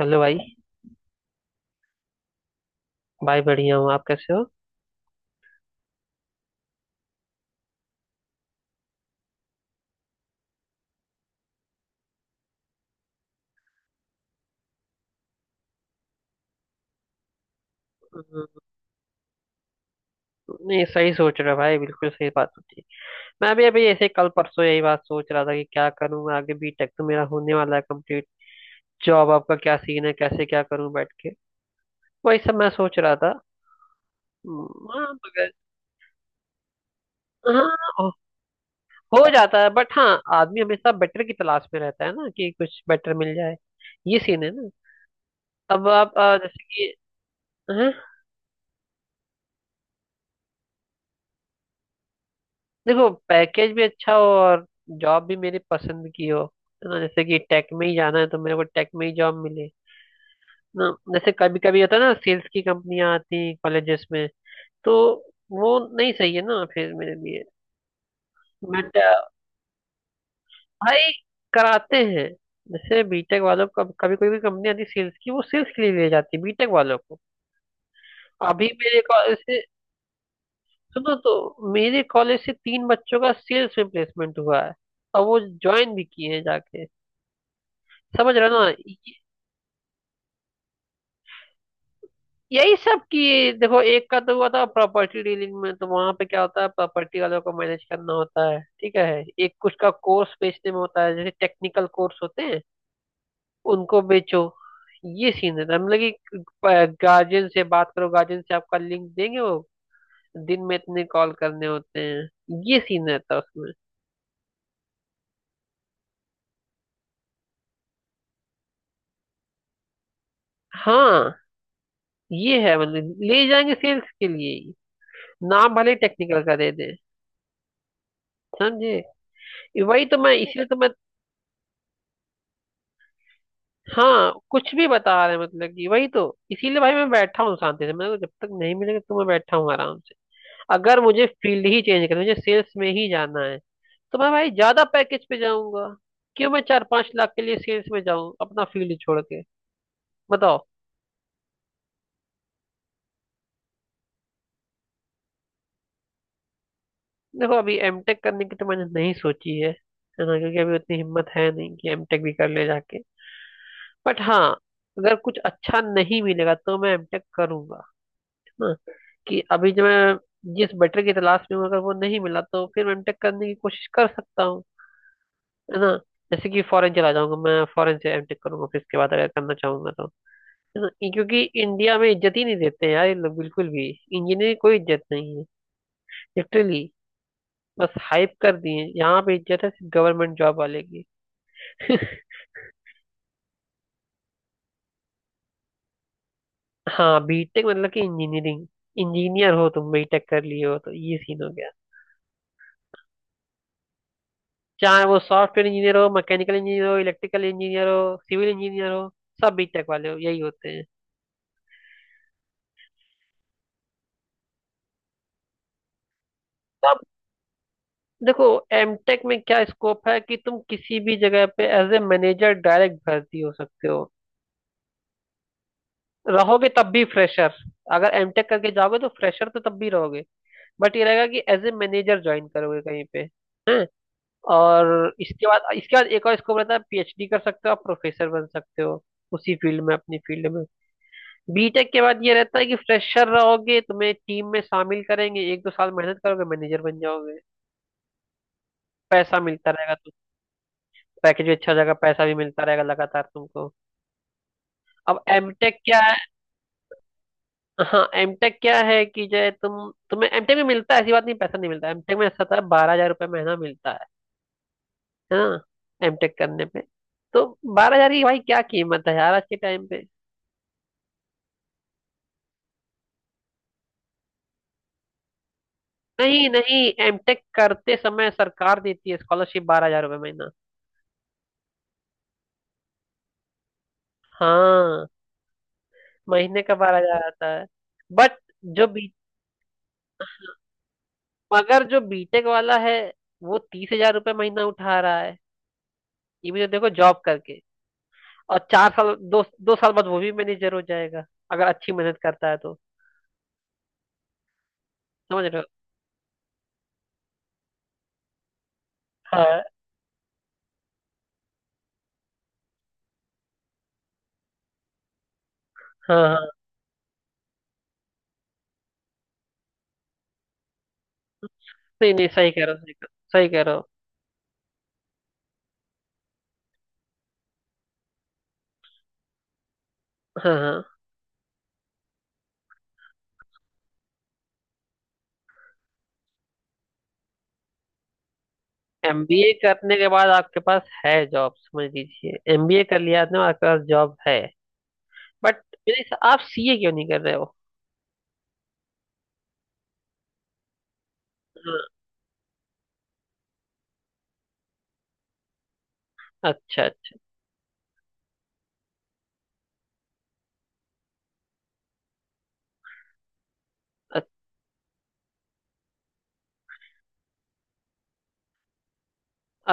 Hello भाई। भाई बढ़िया हूँ, आप कैसे हो? हम्म, नहीं सही सोच रहा भाई, बिल्कुल सही बात होती है। मैं अभी अभी ऐसे कल परसों यही बात सोच रहा था कि क्या करूँ मैं आगे, बीटेक तो मेरा होने वाला है कंप्लीट। जॉब आपका क्या सीन है, कैसे क्या करूँ बैठ के, वही सब मैं सोच रहा था। हाँ मगर। हाँ, हो जाता है बट हाँ आदमी हमेशा बेटर की तलाश में रहता है ना, कि कुछ बेटर मिल जाए। ये सीन है ना। अब आप जैसे कि। हाँ, देखो पैकेज भी अच्छा हो और जॉब भी मेरे पसंद की हो। है ना, जैसे कि टेक में ही जाना है तो मेरे को टेक में ही जॉब मिले ना। जैसे कभी कभी होता है ना, सेल्स की कंपनियां आती हैं कॉलेजेस में, तो वो नहीं सही है ना फिर मेरे लिए। बट भाई कराते हैं। जैसे बीटेक वालों को कभी कोई भी कंपनी आती है सेल्स की, वो सेल्स के लिए ले जाती है बीटेक वालों को। अभी मेरे कॉलेज से, सुनो, तो मेरे कॉलेज से तीन बच्चों का सेल्स में प्लेसमेंट हुआ है और वो ज्वाइन भी किए हैं जाके। समझ रहे हो ना यही सब की। देखो एक का तो हुआ था प्रॉपर्टी डीलिंग में, तो वहां पे क्या होता है प्रॉपर्टी वालों को मैनेज करना होता है, ठीक है। एक कुछ का कोर्स बेचने में होता है, जैसे टेक्निकल कोर्स होते हैं उनको बेचो। ये सीन रहता है, मतलब कि गार्जियन से बात करो, गार्जियन से आपका लिंक देंगे वो, दिन में इतने कॉल करने होते हैं, ये सीन रहता है उसमें। हाँ ये है, मतलब ले जाएंगे सेल्स के लिए ही। नाम भले टेक्निकल का दे दें, समझे। ये वही तो, मैं इसलिए तो मैं, हाँ कुछ भी बता रहे हैं, मतलब कि वही तो। इसीलिए भाई मैं बैठा हूँ शांति से, मैं तो जब तक नहीं मिलेगा तो मैं बैठा हूँ आराम से। अगर मुझे फील्ड ही चेंज करना है, मुझे सेल्स में ही जाना है, तो मैं भाई ज्यादा पैकेज पे जाऊंगा। क्यों मैं 4-5 लाख के लिए सेल्स में जाऊं अपना फील्ड छोड़ के, बताओ। देखो अभी एमटेक करने की तो मैंने नहीं सोची है ना, क्योंकि अभी उतनी हिम्मत है नहीं कि एमटेक भी कर ले जाके। बट हाँ, अगर कुछ अच्छा नहीं मिलेगा तो मैं एमटेक करूंगा। है ना, कि अभी जो मैं जिस बेटर की तलाश में हूँ अगर वो नहीं मिला तो फिर मैं एमटेक करने की कोशिश कर सकता हूँ। है ना, जैसे कि फॉरेन चला जाऊंगा, मैं फॉरेन से एमटेक करूंगा फिर इसके बाद अगर करना चाहूंगा तो। है ना क्योंकि इंडिया में इज्जत ही नहीं देते हैं यार ये लोग बिल्कुल भी। इंजीनियर कोई इज्जत नहीं है, लिटरली। बस हाइप कर दिए हैं। यहाँ पे इज्जत है सिर्फ गवर्नमेंट जॉब वाले की। हाँ, बीटेक मतलब कि इंजीनियरिंग। इंजीनियर हो तुम, बीटेक कर लिए हो तो ये सीन हो गया। चाहे वो सॉफ्टवेयर इंजीनियर हो, मैकेनिकल इंजीनियर हो, इलेक्ट्रिकल इंजीनियर हो, सिविल इंजीनियर हो, सब बीटेक वाले हो, यही होते हैं। तब देखो, एमटेक में क्या स्कोप है कि तुम किसी भी जगह पे एज ए मैनेजर डायरेक्ट भर्ती हो सकते हो। रहोगे तब भी फ्रेशर, अगर एमटेक करके जाओगे तो फ्रेशर तो तब भी रहोगे, बट ये रहेगा कि एज ए मैनेजर ज्वाइन करोगे कहीं पे। हैं। और इसके बाद, इसके बाद एक और स्कोप रहता है, पीएचडी कर सकते हो, आप प्रोफेसर बन सकते हो उसी फील्ड में, अपनी फील्ड में। बीटेक के बाद ये रहता है कि फ्रेशर रहोगे, तुम्हें टीम में शामिल करेंगे, एक दो साल मेहनत करोगे मैनेजर बन जाओगे, पैसा मिलता रहेगा तो पैकेज भी अच्छा हो जाएगा, पैसा भी मिलता रहेगा लगातार तुमको। अब एमटेक क्या है, हाँ एमटेक क्या है कि जो है तुम्हें एमटेक में मिलता है, ऐसी बात नहीं, पैसा नहीं मिलता एमटेक में, ऐसा था 12,000 रुपये महीना मिलता है ना एमटेक करने पे। तो बारह हजार की भाई क्या कीमत है यार आज के टाइम पे। नहीं नहीं, एमटेक करते समय सरकार देती है स्कॉलरशिप 12,000 रुपये महीना। हाँ, महीने का 12,000 आता है। बट जो बी मगर जो बीटेक वाला है वो 30,000 रुपये महीना उठा रहा है। ये भी तो देखो जॉब करके, और चार साल, दो दो साल बाद वो भी मैनेजर हो जाएगा अगर अच्छी मेहनत करता है तो। समझ रहे हो। हाँ हाँ हाँ। नहीं नहीं, सही कह रहे हो, सही कह रहे हो। हाँ हाँ। एमबीए करने के बाद आपके पास है जॉब, समझ लीजिए एमबीए कर लिया आपने, आपके पास जॉब है बट आप सीए क्यों नहीं कर रहे हो। हाँ। अच्छा अच्छा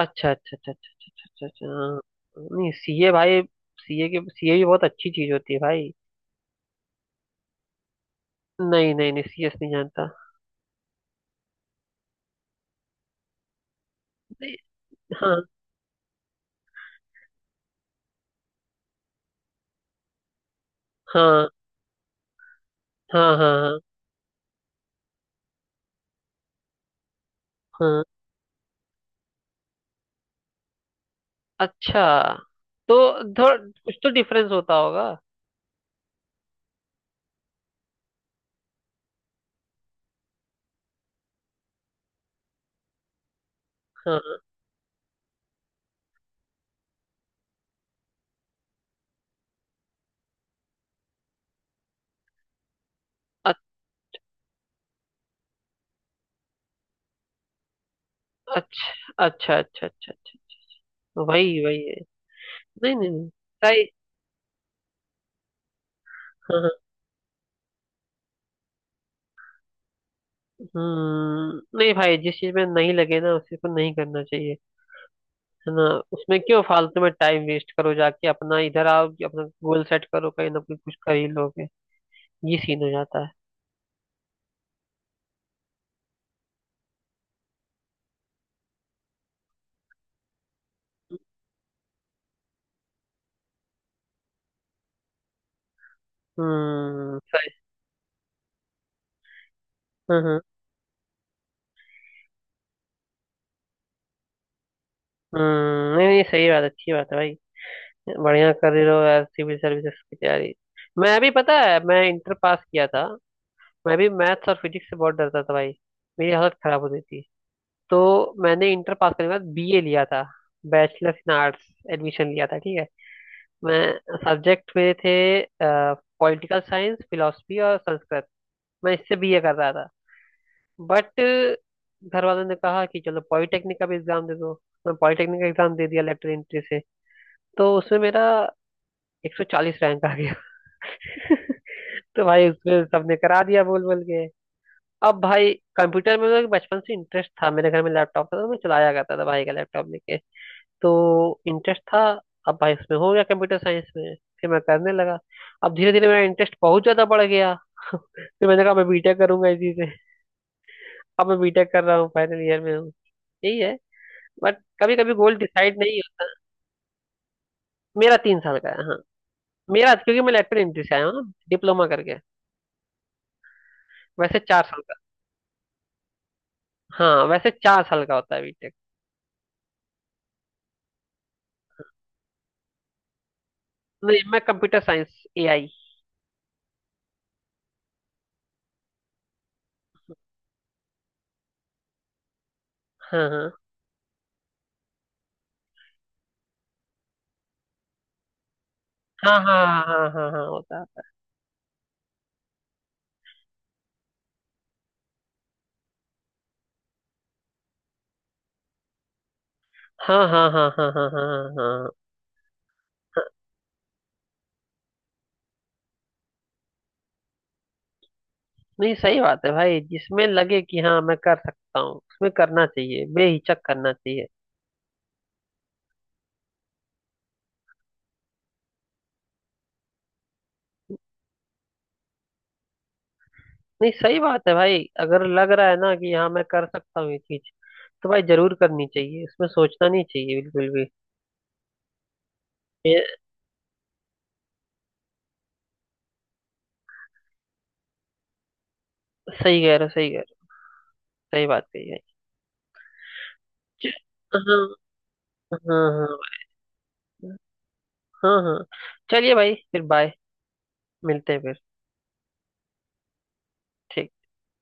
अच्छा अच्छा। अच्छा अच्छा अच्छा अच्छा, अच्छा, हाँ। नहीं सीए भाई, सीए भी बहुत अच्छी चीज होती है भाई। नहीं नहीं नहीं, सीएस नहीं जानता। नहीं, हाँ हाँ हाँ हाँ हाँ हाँ। अच्छा, तो थोड़ा कुछ तो डिफरेंस होता होगा। हाँ अ- अच्छा अच्छा अच्छा अच्छा अच्छा। वही वही है। नहीं नहीं नहीं, सही। हाँ हाँ, हम्म, नहीं भाई जिस चीज में नहीं लगे ना उसी को नहीं करना चाहिए, है ना। उसमें क्यों फालतू में टाइम वेस्ट करो जाके अपना, इधर आओ कि अपना गोल सेट करो, कहीं ना कहीं कुछ कर ही लोगे, ये सीन हो जाता है। हम्म, सही। हम्म। नहीं नहीं, सही बात, अच्छी बात है भाई। बढ़िया कर रहे हो यार सिविल सर्विसेज की तैयारी। मैं भी, पता है, मैं इंटर पास किया था, मैं भी मैथ्स और फिजिक्स से बहुत डरता था भाई, मेरी हालत खराब होती थी। तो मैंने इंटर पास करने के बाद बीए लिया था, बैचलर इन आर्ट्स, एडमिशन लिया था, ठीक है। मैं सब्जेक्ट मेरे थे पॉलिटिकल साइंस, फिलोसफी और संस्कृत, मैं इससे बीए कर रहा था। बट घर वालों ने कहा कि चलो पॉलिटेक्निक का भी एग्जाम दे दो, तो मैं पॉलिटेक्निक का एग्जाम दे दिया लेटर एंट्री से, तो उसमें मेरा 140 रैंक आ गया। तो भाई उसमें सबने करा दिया बोल बोल के। अब भाई कंप्यूटर में मेरा बचपन से इंटरेस्ट था, मेरे घर में लैपटॉप था तो मैं चलाया करता था भाई का लैपटॉप लेके, तो इंटरेस्ट था। अब भाई उसमें हो गया कंप्यूटर साइंस में, फिर मैं करने लगा, अब धीरे धीरे मेरा इंटरेस्ट बहुत ज्यादा बढ़ गया। फिर मैंने कहा मैं बीटेक करूंगा इसी से। अब मैं बीटेक कर रहा हूँ, फाइनल ईयर में हूँ, यही है बट कभी कभी गोल डिसाइड नहीं होता। मेरा तीन साल का है, हाँ। मेरा, क्योंकि मैं लेटरल एंट्री से आया हूँ ना, डिप्लोमा करके, वैसे चार साल का। हाँ, वैसे चार साल का होता है बीटेक। नहीं, मैं कंप्यूटर साइंस एआई। हाँ हाँ हाँ हाँ हाँ हाँ हाँ हाँ, होता है। हाँ हाँ हाँ हाँ हाँ हाँ हाँ हाँ, हाँ। नहीं सही बात है भाई, जिसमें लगे कि हाँ मैं कर सकता हूँ उसमें करना चाहिए, बेहिचक करना चाहिए। नहीं सही बात है भाई, अगर लग रहा है ना कि हाँ मैं कर सकता हूँ ये चीज, तो भाई जरूर करनी चाहिए, इसमें सोचना नहीं चाहिए बिल्कुल भी। ये सही कह रहे हो, सही कह रहे हो। सही बात कही है। च- हाँ हाँ हाँ हाँ हाँ। चलिए भाई फिर बाय, मिलते हैं फिर। ठीक।